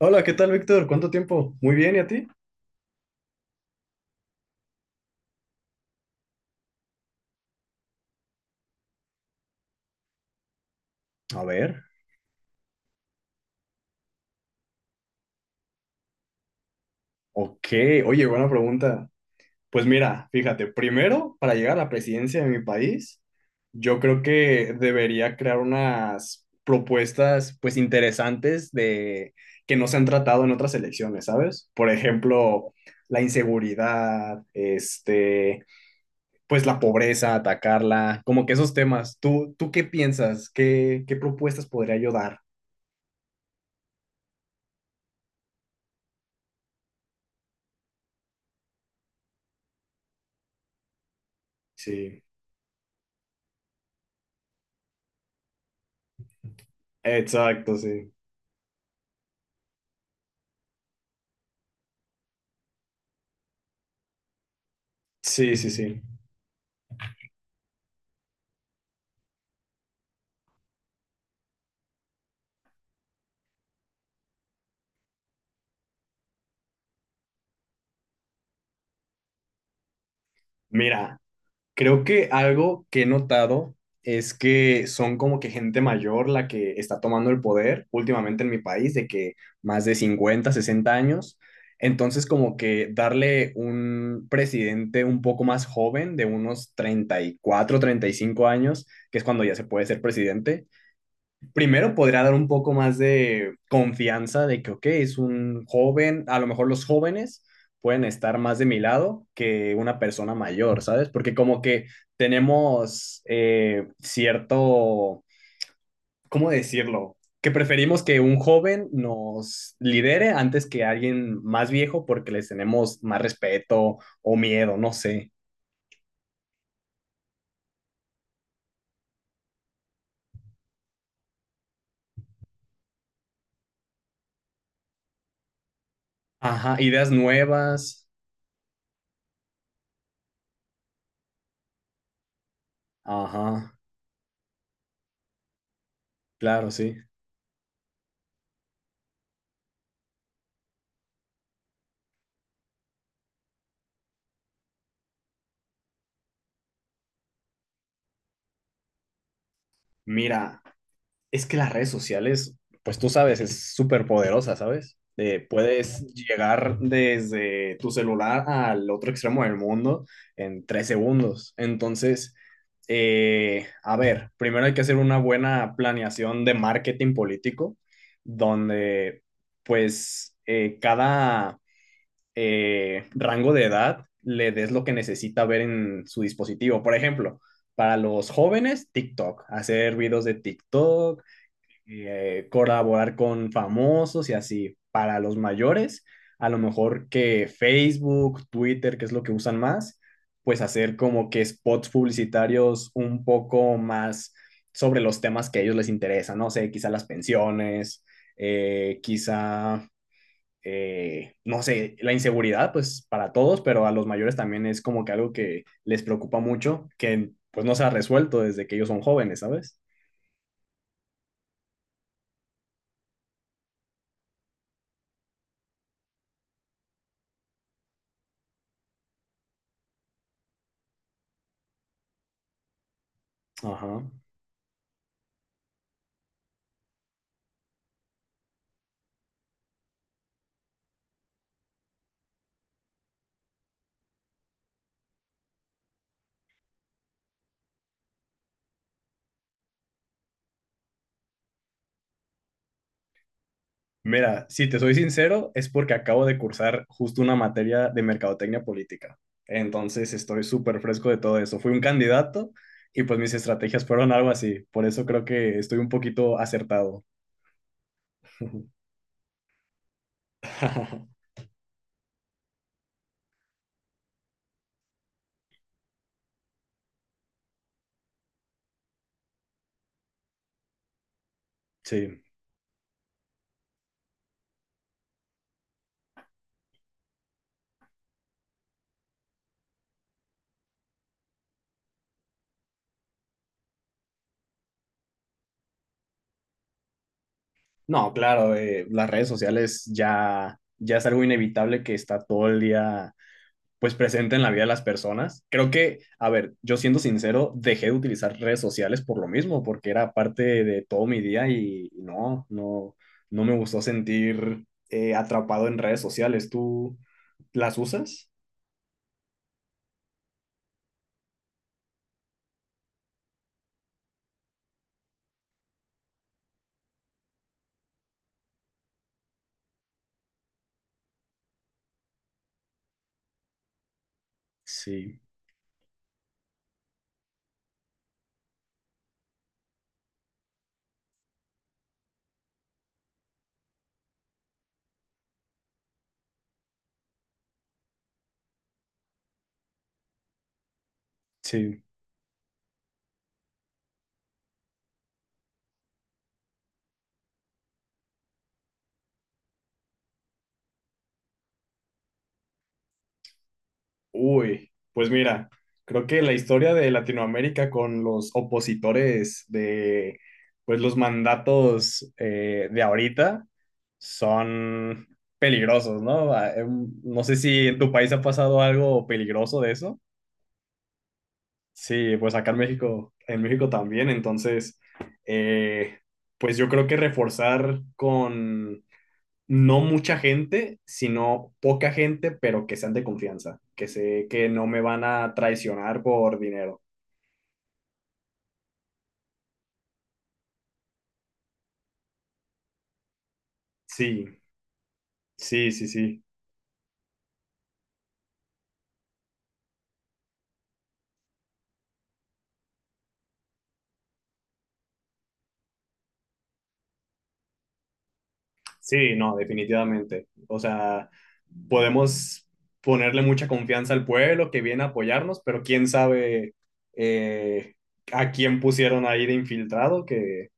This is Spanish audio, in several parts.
Hola, ¿qué tal, Víctor? ¿Cuánto tiempo? Muy bien, ¿y a ti? A ver, ok, oye, buena pregunta. Pues mira, fíjate, primero, para llegar a la presidencia de mi país, yo creo que debería crear unas propuestas, pues, interesantes de que no se han tratado en otras elecciones, ¿sabes? Por ejemplo, la inseguridad, este, pues la pobreza, atacarla, como que esos temas. ¿Tú qué piensas? ¿Qué propuestas podría yo dar? Sí, exacto, sí. Sí, sí, sí. Mira, creo que algo que he notado es que son como que gente mayor la que está tomando el poder últimamente en mi país, de que más de 50, 60 años. Entonces, como que darle un presidente un poco más joven, de unos 30 34, 35 años, que es cuando ya se puede ser presidente, primero podría dar un poco más de confianza de que, ok, es un joven, a lo mejor los jóvenes pueden estar más de mi lado que una persona mayor, ¿sabes? Porque como que tenemos cierto, ¿cómo decirlo? Que preferimos que un joven nos lidere antes que alguien más viejo porque les tenemos más respeto o miedo, no sé. Ajá, ideas nuevas. Ajá, claro, sí. Mira, es que las redes sociales, pues tú sabes, es súper poderosa, ¿sabes? Puedes llegar desde tu celular al otro extremo del mundo en 3 segundos. Entonces, a ver, primero hay que hacer una buena planeación de marketing político, donde pues cada rango de edad le des lo que necesita ver en su dispositivo. Por ejemplo, para los jóvenes, TikTok, hacer videos de TikTok, colaborar con famosos y así. Para los mayores, a lo mejor que Facebook, Twitter, que es lo que usan más, pues hacer como que spots publicitarios un poco más sobre los temas que a ellos les interesan, no sé, quizá las pensiones, eh, quizá, no sé, la inseguridad, pues para todos, pero a los mayores también es como que algo que les preocupa mucho, que pues no se ha resuelto desde que ellos son jóvenes, ¿sabes? Ajá. Mira, si te soy sincero, es porque acabo de cursar justo una materia de mercadotecnia política. Entonces estoy súper fresco de todo eso. Fui un candidato y pues mis estrategias fueron algo así. Por eso creo que estoy un poquito acertado. Sí. No, claro, las redes sociales ya, ya es algo inevitable que está todo el día pues presente en la vida de las personas. Creo que, a ver, yo siendo sincero, dejé de utilizar redes sociales por lo mismo, porque era parte de todo mi día y no me gustó sentir atrapado en redes sociales. ¿Tú las usas? Sí, sí. Uy, pues mira, creo que la historia de Latinoamérica con los opositores de pues los mandatos de ahorita son peligrosos, ¿no? Ah, no sé si en tu país ha pasado algo peligroso de eso. Sí, pues acá en México también, entonces, eh, pues yo creo que reforzar con no mucha gente, sino poca gente, pero que sean de confianza, que sé que no me van a traicionar por dinero. Sí, sí, sí, sí. Sí, no, definitivamente. O sea, podemos ponerle mucha confianza al pueblo que viene a apoyarnos, pero quién sabe eh, a quién pusieron ahí de infiltrado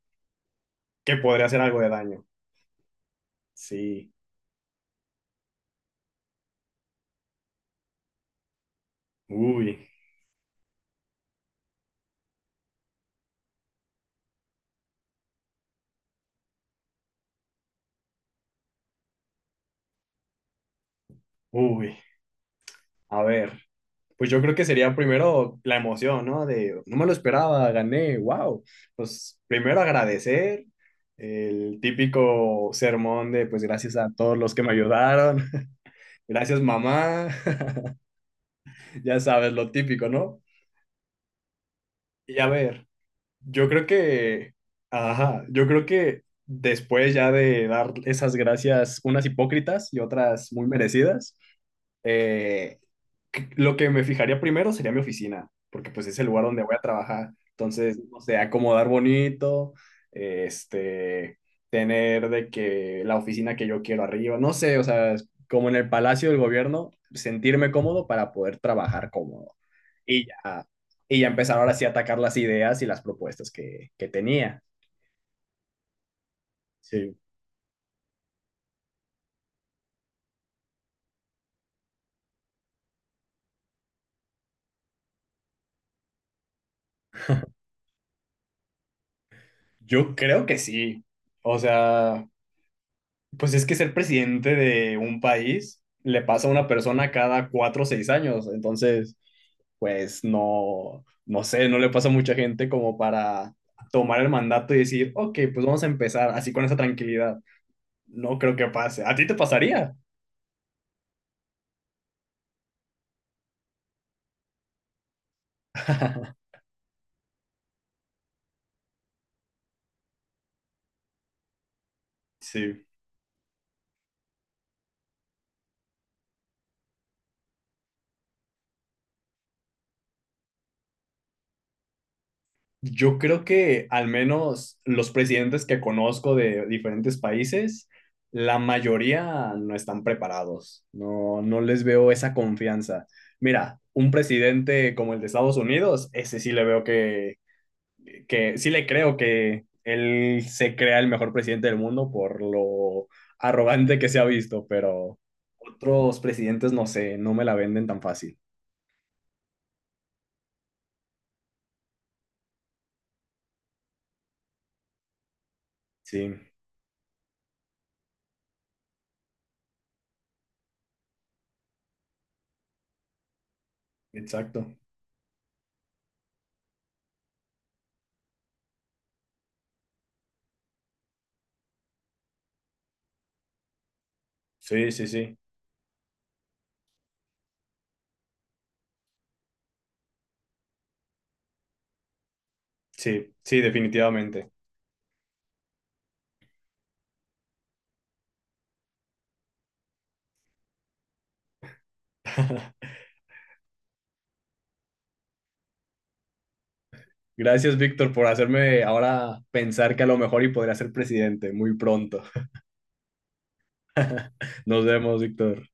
que podría hacer algo de daño. Sí, uy, uy. A ver. Pues yo creo que sería primero la emoción, ¿no? De no me lo esperaba, gané, wow. Pues primero agradecer el típico sermón de pues gracias a todos los que me ayudaron, gracias mamá, ya sabes lo típico, ¿no? Y a ver, yo creo que, ajá, yo creo que después ya de dar esas gracias, unas hipócritas y otras muy merecidas, eh, lo que me fijaría primero sería mi oficina, porque pues es el lugar donde voy a trabajar. Entonces, no sé, acomodar bonito, este, tener de que la oficina que yo quiero arriba, no sé, o sea, es como en el Palacio del Gobierno, sentirme cómodo para poder trabajar cómodo. Y ya, y ya empezar ahora sí a atacar las ideas y las propuestas que tenía. Sí. Yo creo que sí. O sea, pues es que ser presidente de un país le pasa a una persona cada 4 o 6 años, entonces, pues no, no sé, no le pasa a mucha gente como para tomar el mandato y decir, ok, pues vamos a empezar así con esa tranquilidad. No creo que pase. ¿A ti te pasaría? Sí. Yo creo que al menos los presidentes que conozco de diferentes países, la mayoría no están preparados, no, no les veo esa confianza. Mira, un presidente como el de Estados Unidos, ese sí le veo que sí le creo que él se crea el mejor presidente del mundo por lo arrogante que se ha visto, pero otros presidentes no sé, no me la venden tan fácil. Sí, exacto. Sí, sí, sí. Sí, sí, definitivamente. Gracias, Víctor, por hacerme ahora pensar que a lo mejor y podría ser presidente muy pronto. Nos vemos, Víctor.